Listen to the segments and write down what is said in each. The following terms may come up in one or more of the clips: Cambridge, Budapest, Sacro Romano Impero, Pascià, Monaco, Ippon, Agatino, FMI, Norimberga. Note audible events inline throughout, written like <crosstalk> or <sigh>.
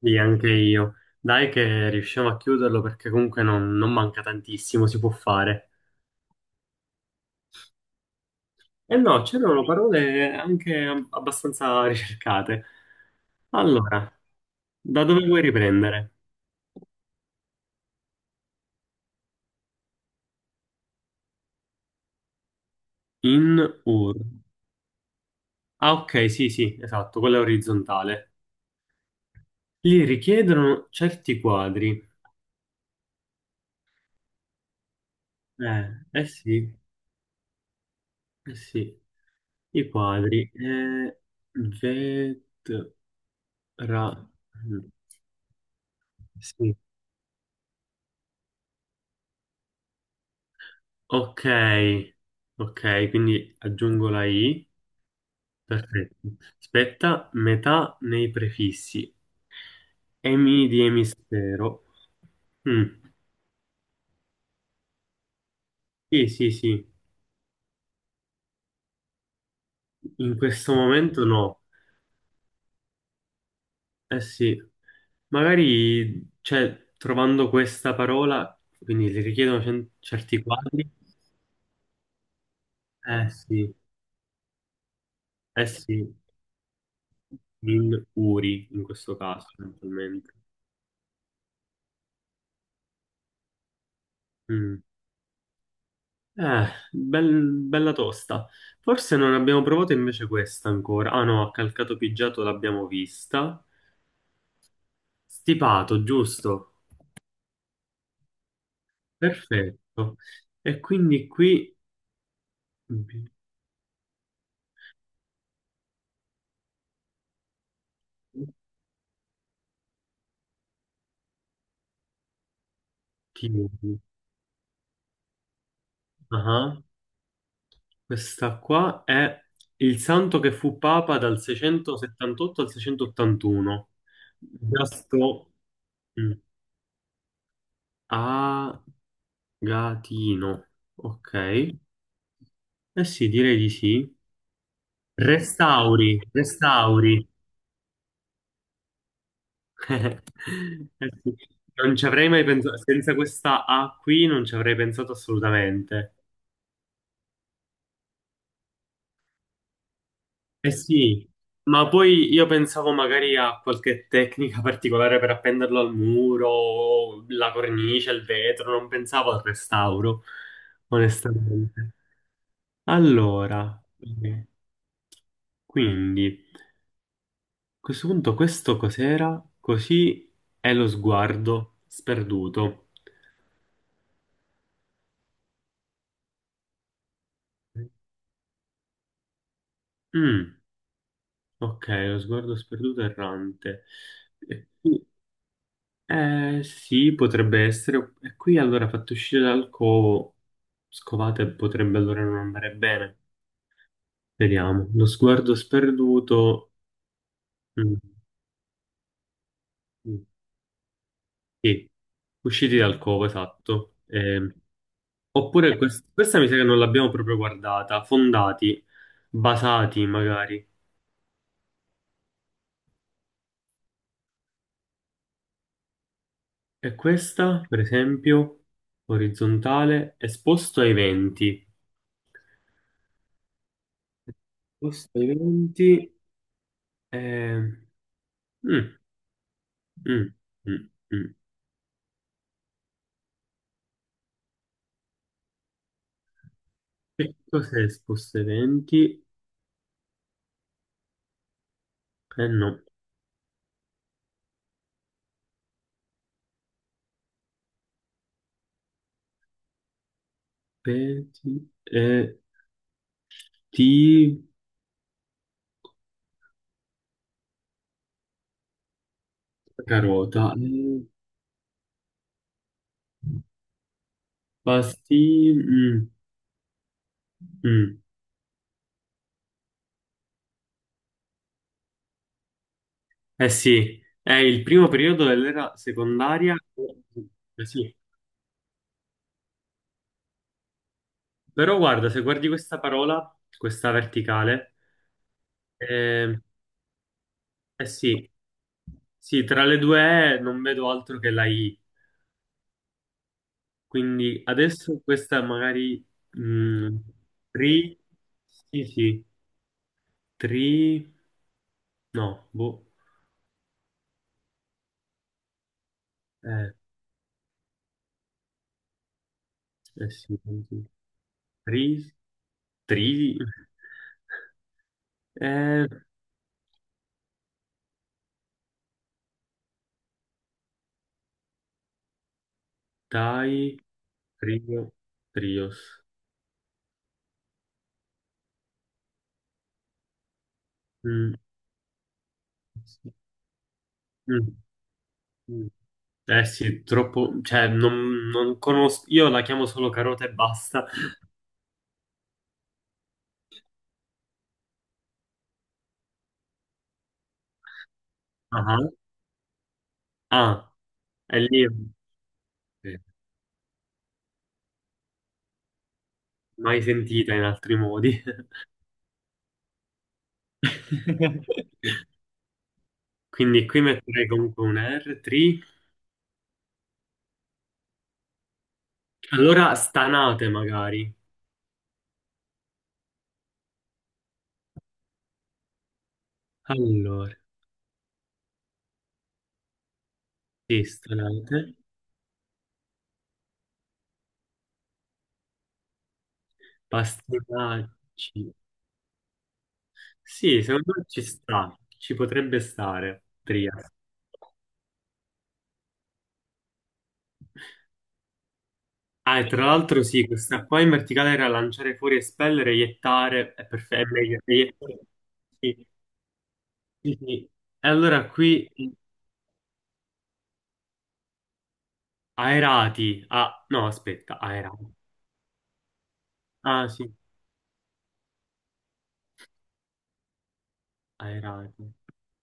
Sì, anche io. Dai che riusciamo a chiuderlo perché comunque non manca tantissimo, si può fare. E no, c'erano parole anche abbastanza ricercate. Allora, da dove vuoi riprendere? In ur. Ah, ok, sì, sì, esatto, quella orizzontale. Li richiedono certi quadri. Eh sì, eh sì, i quadri. Vet- ra- Sì. Ok, ok, quindi aggiungo la I, perfetto. Aspetta, metà nei prefissi. Emi di emisfero. Mm, sì, sì, sì, in questo momento no. Eh sì, magari, cioè, trovando questa parola, quindi le richiedono certi quadri. Eh sì, eh sì, in uri in questo caso, eventualmente. Mm. Bella tosta. Forse non abbiamo provato invece questa ancora. Ah no, a calcato pigiato l'abbiamo vista. Stipato, giusto? Perfetto. E quindi qui... Ah, questa qua è il santo che fu papa dal 678 al 681. Gasto... mm, Agatino. Ok. Eh sì, direi di sì. Restauri, restauri. <laughs> Eh sì, non ci avrei mai pensato, senza questa A qui non ci avrei pensato assolutamente. Eh sì, ma poi io pensavo magari a qualche tecnica particolare per appenderlo al muro, la cornice, il vetro, non pensavo al restauro, onestamente. Allora, quindi, a questo punto questo cos'era? Così è lo sguardo sperduto. Mm, ok, lo sguardo sperduto e errante. E qui- sì, potrebbe essere. E qui allora fatto uscire dal covo, scovate potrebbe allora non andare bene. Vediamo. Lo sguardo sperduto. mm, mm, sì, usciti dal covo, esatto. Oppure questa mi sa che non l'abbiamo proprio guardata. Fondati, basati magari. E questa, per esempio, orizzontale, esposto ai venti. Posto ai 20. eh, mm, mm, mm, mm. Che cos'è esposto ai 20? Eh no, peti, eh, ti, carota, pasti, mm. Eh sì, è il primo periodo dell'era secondaria. Eh sì. Però guarda, se guardi questa parola, questa verticale, eh, eh sì, sì, tra le due E non vedo altro che la I. Quindi adesso questa magari mh, tri, sì, sì, tri, no, boh, eh, eh sì, tri, tri, <laughs> eh, dai, trio, trios, Mm, sì, mm, mm. Eh sì, troppo, cioè non conosco, io la chiamo solo carota e basta, ah, ah, è lì, ok. Mai sentita in altri modi. <laughs> Quindi qui metterei comunque un R3. Allora, stanate magari. Allora, sì, stanate. Pastinacci. Sì, secondo me ci sta. Ci potrebbe stare. Tria. Ah, e tra l'altro sì, questa qua in verticale era lanciare fuori, espellere, iettare. È perfetto, è meglio. Iettare. Sì, sì, sì. E allora qui aerati. Ah, no, aspetta, aerati. Ah, sì, aerati.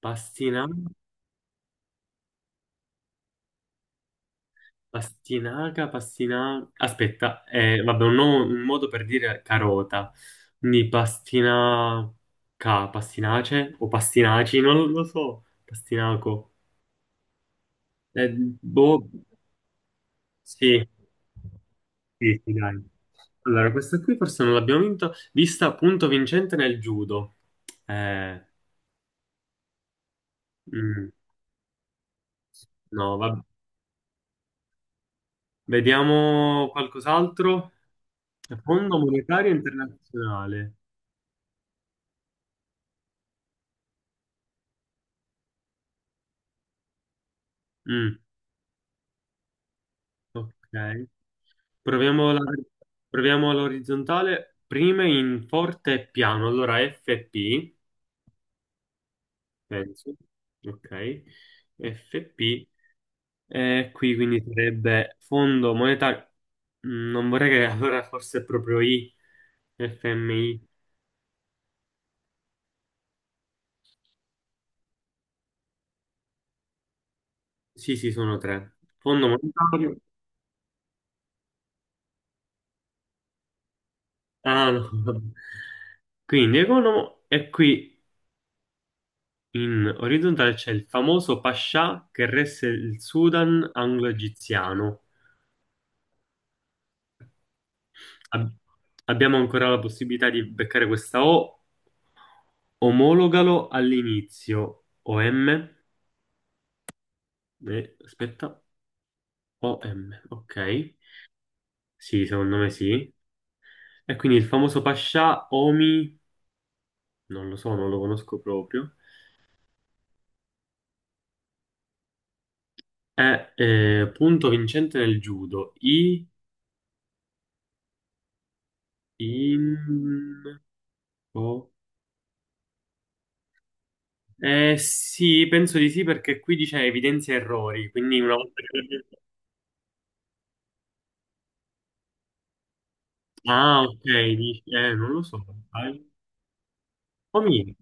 Pastinacci. Pastinaca, pastinaca. Aspetta, vabbè, un, no- un modo per dire carota. Quindi pastinaca, pastinace o pastinaci, non lo so. Pastinaco. Eh, Boh, sì, sì, sì, dai. Allora, questa qui forse non l'abbiamo vista appunto vincente nel judo. Eh, mm, no, vabbè. Vediamo qualcos'altro. Fondo monetario internazionale. Mm, ok. Proviamo proviamo l'orizzontale, prime in forte e piano. Allora FP, penso. Ok, FP. E qui quindi sarebbe fondo monetario. Non vorrei che allora forse è proprio I, FMI. Sì, sì, sono tre. Fondo monetario. Ah, no. <laughs> Quindi economo e qui in orizzontale c'è il famoso Pascià che resse il Sudan anglo-egiziano. Ab- Abbiamo ancora la possibilità di beccare questa O. Omologalo all'inizio. OM. Aspetta. OM. Ok. Sì, secondo me sì. E quindi il famoso Pascià Omi, non lo so, non lo conosco proprio, è punto vincente nel judo. I, in, o- Eh sì, penso di sì perché qui dice evidenzia errori, quindi una volta che... Ah, ok, non lo so. Sai. Omi,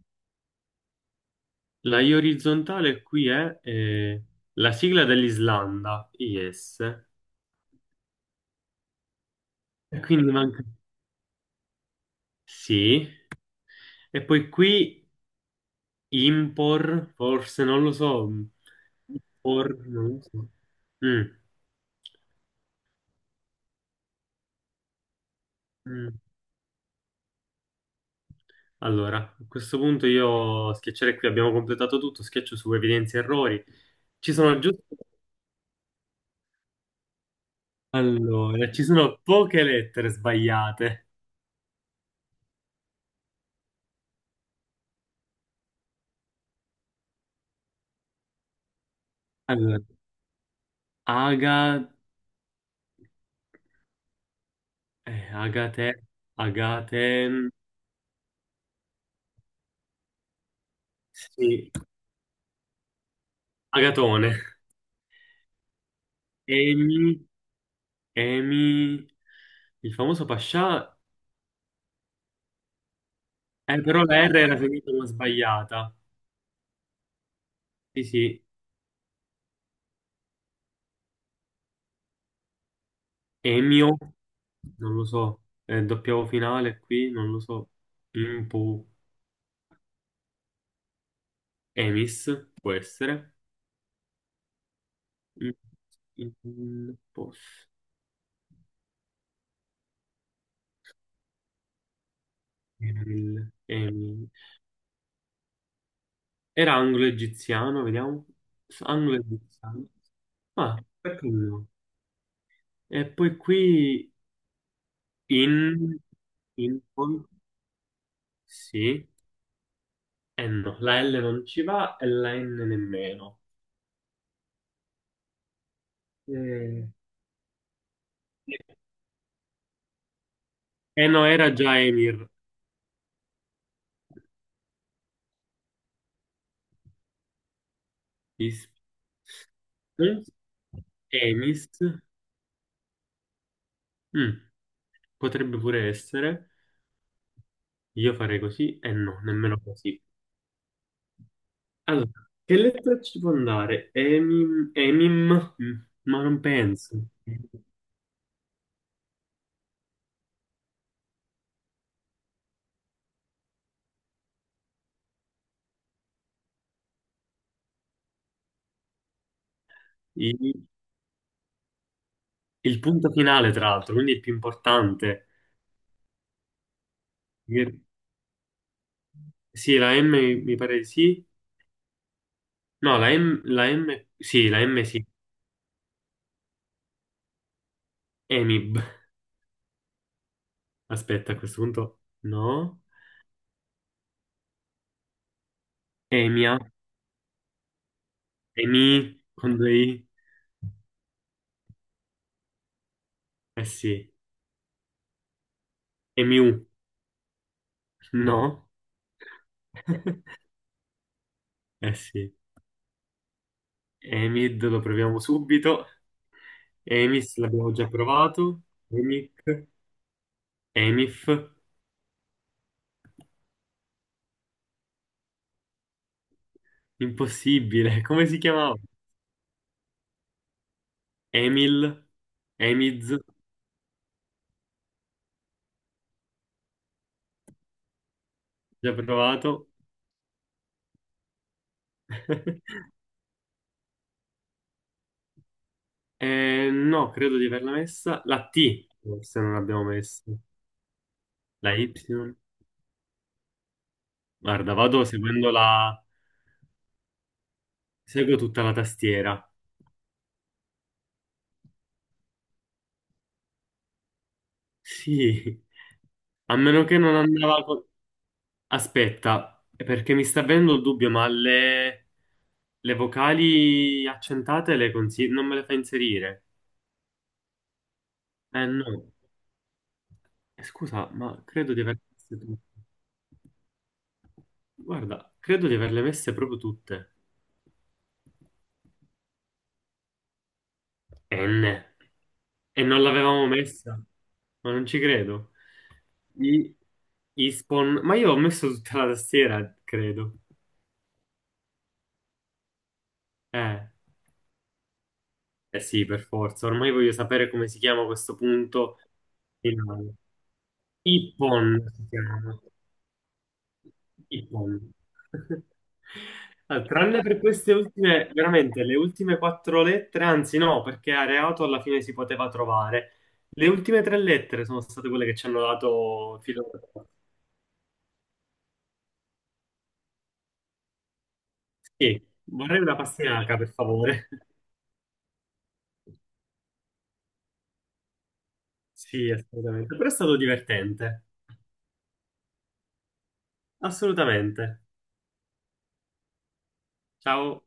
la I orizzontale qui è la sigla dell'Islanda, IS, e quindi manca sì, e poi qui impor, forse non lo so, por, non lo so. Mm, mm. Allora, a questo punto io schiaccerei qui, abbiamo completato tutto, schiaccio su evidenzia errori. Ci sono giusto... Allora, ci sono poche lettere sbagliate. Allora, aga, agate, agate. Mm. Sì, Agatone, Emi, Emi, il famoso Pascià, però la R era finita una sbagliata. Sì, sì, Emio, non lo so, doppia finale qui, non lo so, Impu, Emis, può essere. Mm, mm. Emil, Emi. Era anglo-egiziano, vediamo. Anglo-egiziano. Ah, perché no? E poi qui in... in. Sì e no. La L non ci va e la N nemmeno. Mm. E no, era già Emir. Is- Mm? Emis. Mm, Potrebbe pure essere. Io farei così e no, nemmeno così. Allora, che lettera ci può andare? Emim, emim? Ma non penso. I- Il, punto finale, tra l'altro, quindi il più importante. Mi- Sì, la M mi pare di sì. No, la M sì, EMIB. Aspetta, a questo punto, no. EMIA, EMI, con due I, eh sì. EMIU, no. <laughs> Eh sì. EMID lo proviamo subito. EMIS l'abbiamo già provato. EMIC, EMIF, impossibile. <laughs> Come si chiamava? EMIL, EMIZ, già provato. <laughs> No, credo di averla messa. La T, forse non l'abbiamo messa. La Y. Guarda, vado seguendo seguo tutta la tastiera. Sì, a meno che non andava. Aspetta, perché mi sta venendo il dubbio, ma le vocali accentate le non me le fa inserire? Eh no, scusa, ma credo di averle messe tutte. Guarda, credo di averle messe proprio tutte. N. E non l'avevamo messa, ma non ci credo. I... Ma io ho messo tutta la tastiera, credo. Eh, eh sì, per forza. Ormai voglio sapere come si chiama questo punto finale. Ippon si chiama. Ippon. <laughs> Ah, tranne per queste ultime, veramente le ultime quattro lettere, anzi no, perché areato alla fine si poteva trovare. Le ultime tre lettere sono state quelle che ci hanno dato il filo. Sì, vorrei una pastinaca, per favore. <laughs> Sì, assolutamente. Però è stato divertente. Assolutamente. Ciao.